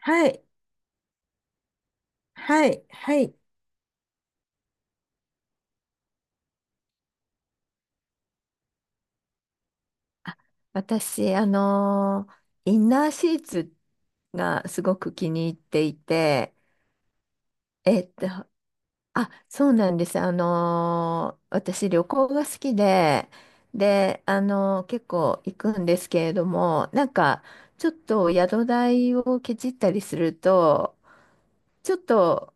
はい、はい、はい。私、インナーシーツがすごく気に入っていて、えっと、あ、そうなんです。私、旅行が好きで、で、結構行くんですけれども、ちょっと宿代をケチったりすると、ちょっと、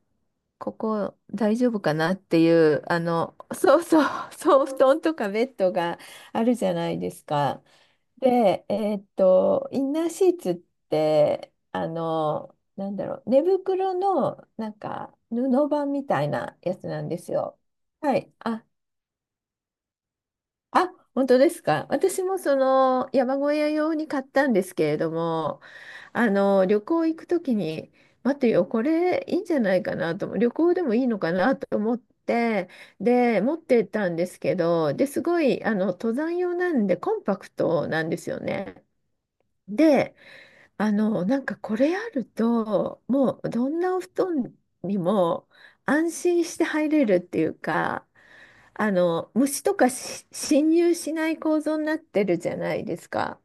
ここ大丈夫かなっていう、あの、そうそう、そう、布団とかベッドがあるじゃないですか。で、インナーシーツって、あの、なんだろう、寝袋の、なんか、布版みたいなやつなんですよ。はい。あ、あ、本当ですか。私もその、山小屋用に買ったんですけれども、あの、旅行行くときに、待ってよ、これいいんじゃないかなと思う、旅行でもいいのかなと思って、で、持ってったんですけど、で、すごい、あの、登山用なんで、コンパクトなんですよね。で、あの、なんかこれあると、もうどんなお布団にも安心して入れるっていうか、あの、虫とかし侵入しない構造になってるじゃないですか。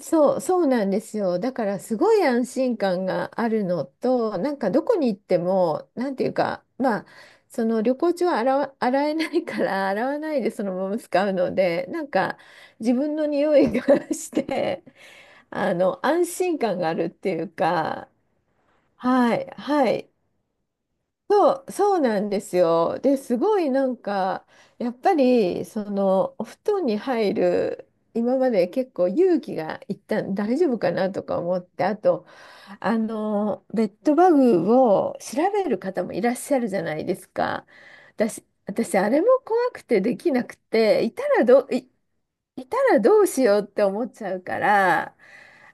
そう、そうなんですよ。だからすごい安心感があるのと、なんかどこに行っても、なんていうか、まあ、その旅行中は洗わ、洗えないから洗わないでそのまま使うので、なんか自分の匂いが して、あの、安心感があるっていうか、はい、はい。そう、そうなんですよ。で、すごいなんか、やっぱり、その、お布団に入る、今まで結構勇気がいったん大丈夫かなとか思って、あと、あの、ベッドバグを調べる方もいらっしゃるじゃないですか。私、あれも怖くてできなくて、いたらどう、いたらどうしようって思っちゃうから、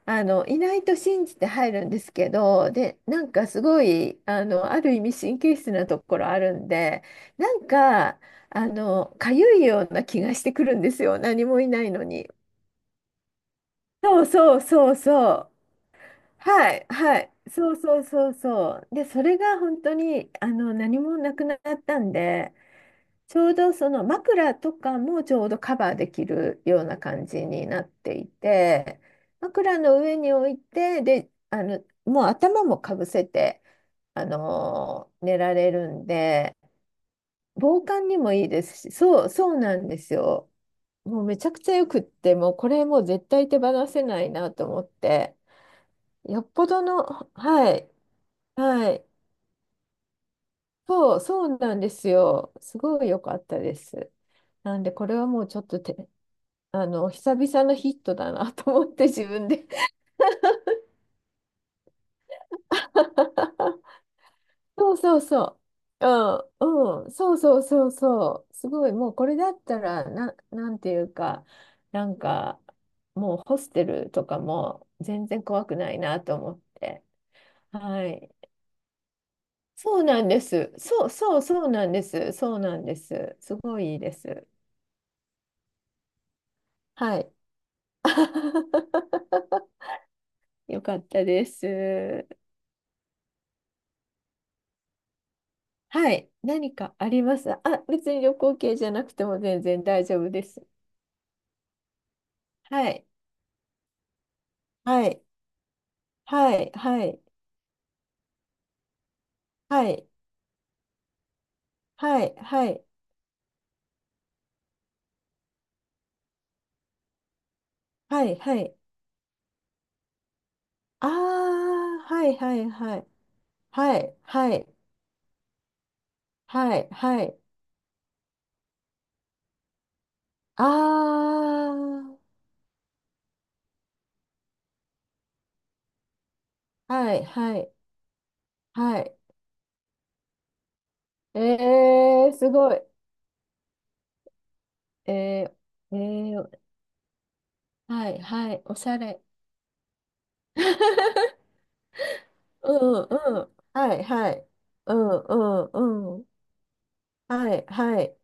あの、いないと信じて入るんですけど、で、なんかすごい、あの、ある意味神経質なところあるんで、なんか、あの、かゆいような気がしてくるんですよ。何もいないのに。そうそうそうそう。はい、はい。そうそうそうそう。で、それが本当に、あの、何もなくなったんで、ちょうどその枕とかもちょうどカバーできるような感じになっていて、枕の上に置いて、で、あの、もう頭もかぶせて、寝られるんで、防寒にもいいですし、そう、そうなんですよ。もうめちゃくちゃよくって、もうこれもう絶対手放せないなと思って、よっぽどの、はい、はい、そう、そうなんですよ。すごい良かったです。なんで、これはもうちょっと手、あの、久々のヒットだなと思って自分で そうそうそう。うん、うん、そうそうそうそう。すごい、もうこれだったら、な、なんていうか、なんか、もうホステルとかも全然怖くないなと思って。はい。そうなんです。そうそうそうなんです。そうなんです。すごいいいです。はい。よかったです。はい。何かありますあ、別に旅行系じゃなくても全然大丈夫です。はい。はい。はい。はい。はい。はい。はい。はい。はい。ああ、はい。はい。はい。はい。はい。はい。はい。ああ、はい。はい。はい。えー、すごい。えー、えー、はい。はい。おしゃれ。うんうん。はいはい。うんうんうん。はい、はい、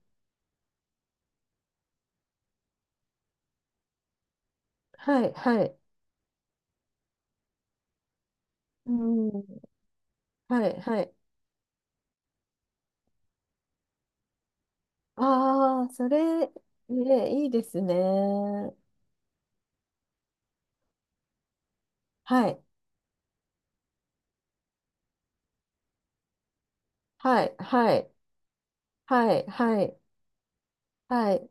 はい、はい、うん。はい、はい。ああ、それ、ね、いいですね。はい、はい、はい、はい、はい、はい、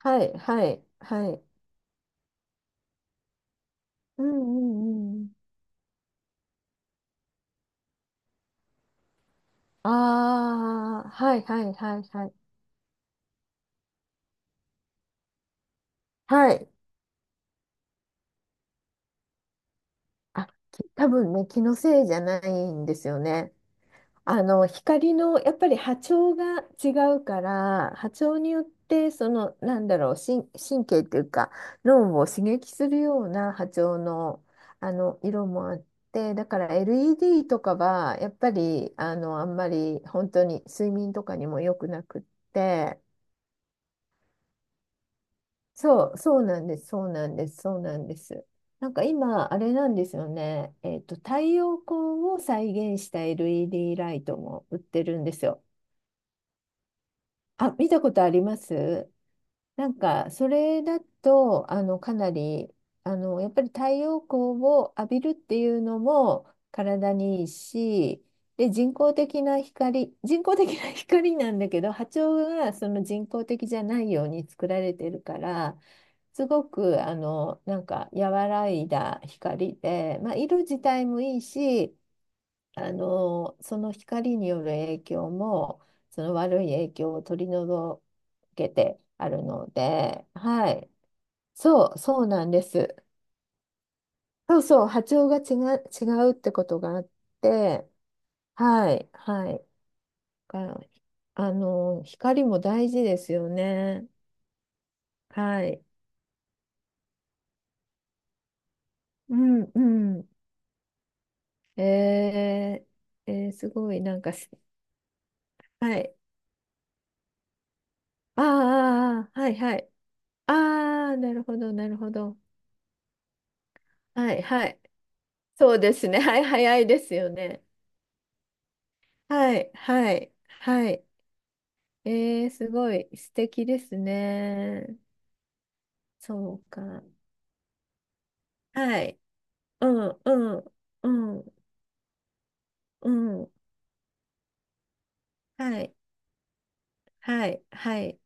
はい、はい、はい。うんうんうん。ああ、はい、はい、はい、はい。はい。あ、き多分ね、気のせいじゃないんですよね。あの光のやっぱり波長が違うから波長によってそのなんだろう神、神経というか脳を刺激するような波長の、あの色もあってだから LED とかはやっぱりあのあんまり本当に睡眠とかにも良くなくってそう、そうなんですそうなんですそうなんです。なんか今あれなんですよね、太陽光を再現した LED ライトも売ってるんですよ。あ、見たことありますなんか、それだと、あの、かなり、あの、やっぱり太陽光を浴びるっていうのも体にいいし、で、人工的な光、人工的な 光なんだけど、波長がその人工的じゃないように作られてるから、すごく、あの、なんか、和らいだ光で、まあ、色自体もいいし、あのその光による影響もその悪い影響を取り除けてあるので、はい、そうそうなんです。そうそう波長が違う、違うってことがあって、はいはいがあの光も大事ですよね。はい、うんうん。えー、えーすごいなんかすはいあーあーあーはいはいああなるほどなるほどはいはい。そうですね。はい、早いですよね。はい、はい、はい。えー、すごい素敵ですね。そうか。はい。うん、うん、うん、うん。はい、はい、はい。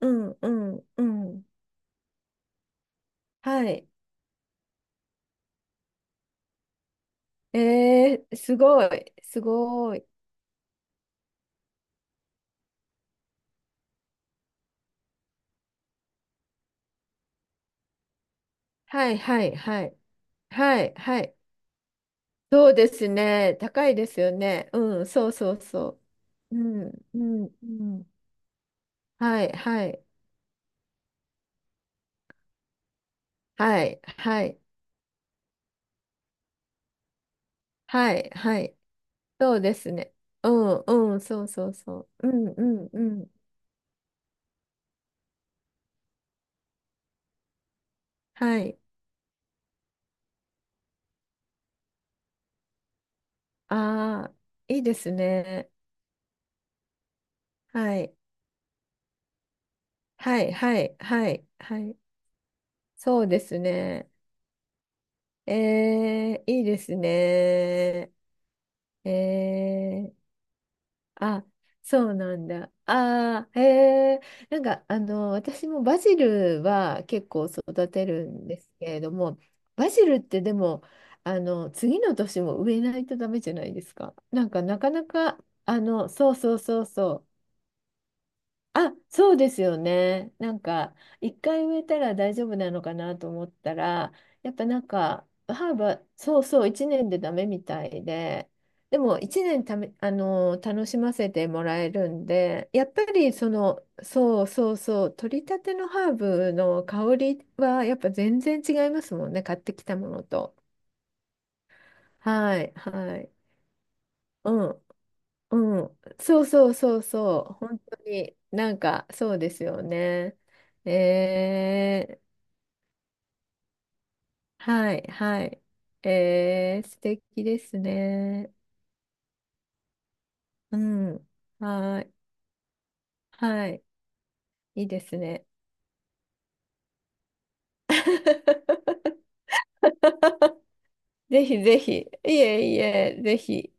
うん、うん、うん。はい。えー、すごい、すごい。はい、はい、はい。はい、はい。そうですね。高いですよね。うん、そうそうそう。うん、うん、うん。はい、はい。はい、はい、はい、はい。そうですね。うん、うん、そうそうそう。うん、うん、うん。はい。ああ、いいですね。はい、はい、はい、はい、はい。そうですね。えー、いいですね。えーあ、そうなんだ。ああ、へえ。なんか、あの、私もバジルは結構育てるんですけれども、バジルってでも、あの、次の年も植えないとダメじゃないですか。なんか、なかなか、あの、そうそうそうそう。あ、そうですよね。なんか、一回植えたら大丈夫なのかなと思ったら、やっぱなんか、ハーブは、そうそう、一年でダメみたいで、でも一年ため、あの、楽しませてもらえるんで、やっぱりその、そうそうそう、取りたてのハーブの香りはやっぱ全然違いますもんね、買ってきたものと。はい、はい。うん。うん、そうそうそうそう、本当になんかそうですよね。えー、はいはい。えー、素敵ですね。うん、はいはい、いいですね。ぜひぜひ、いえいえ、ぜひ、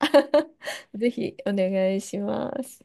ぜひお願いします。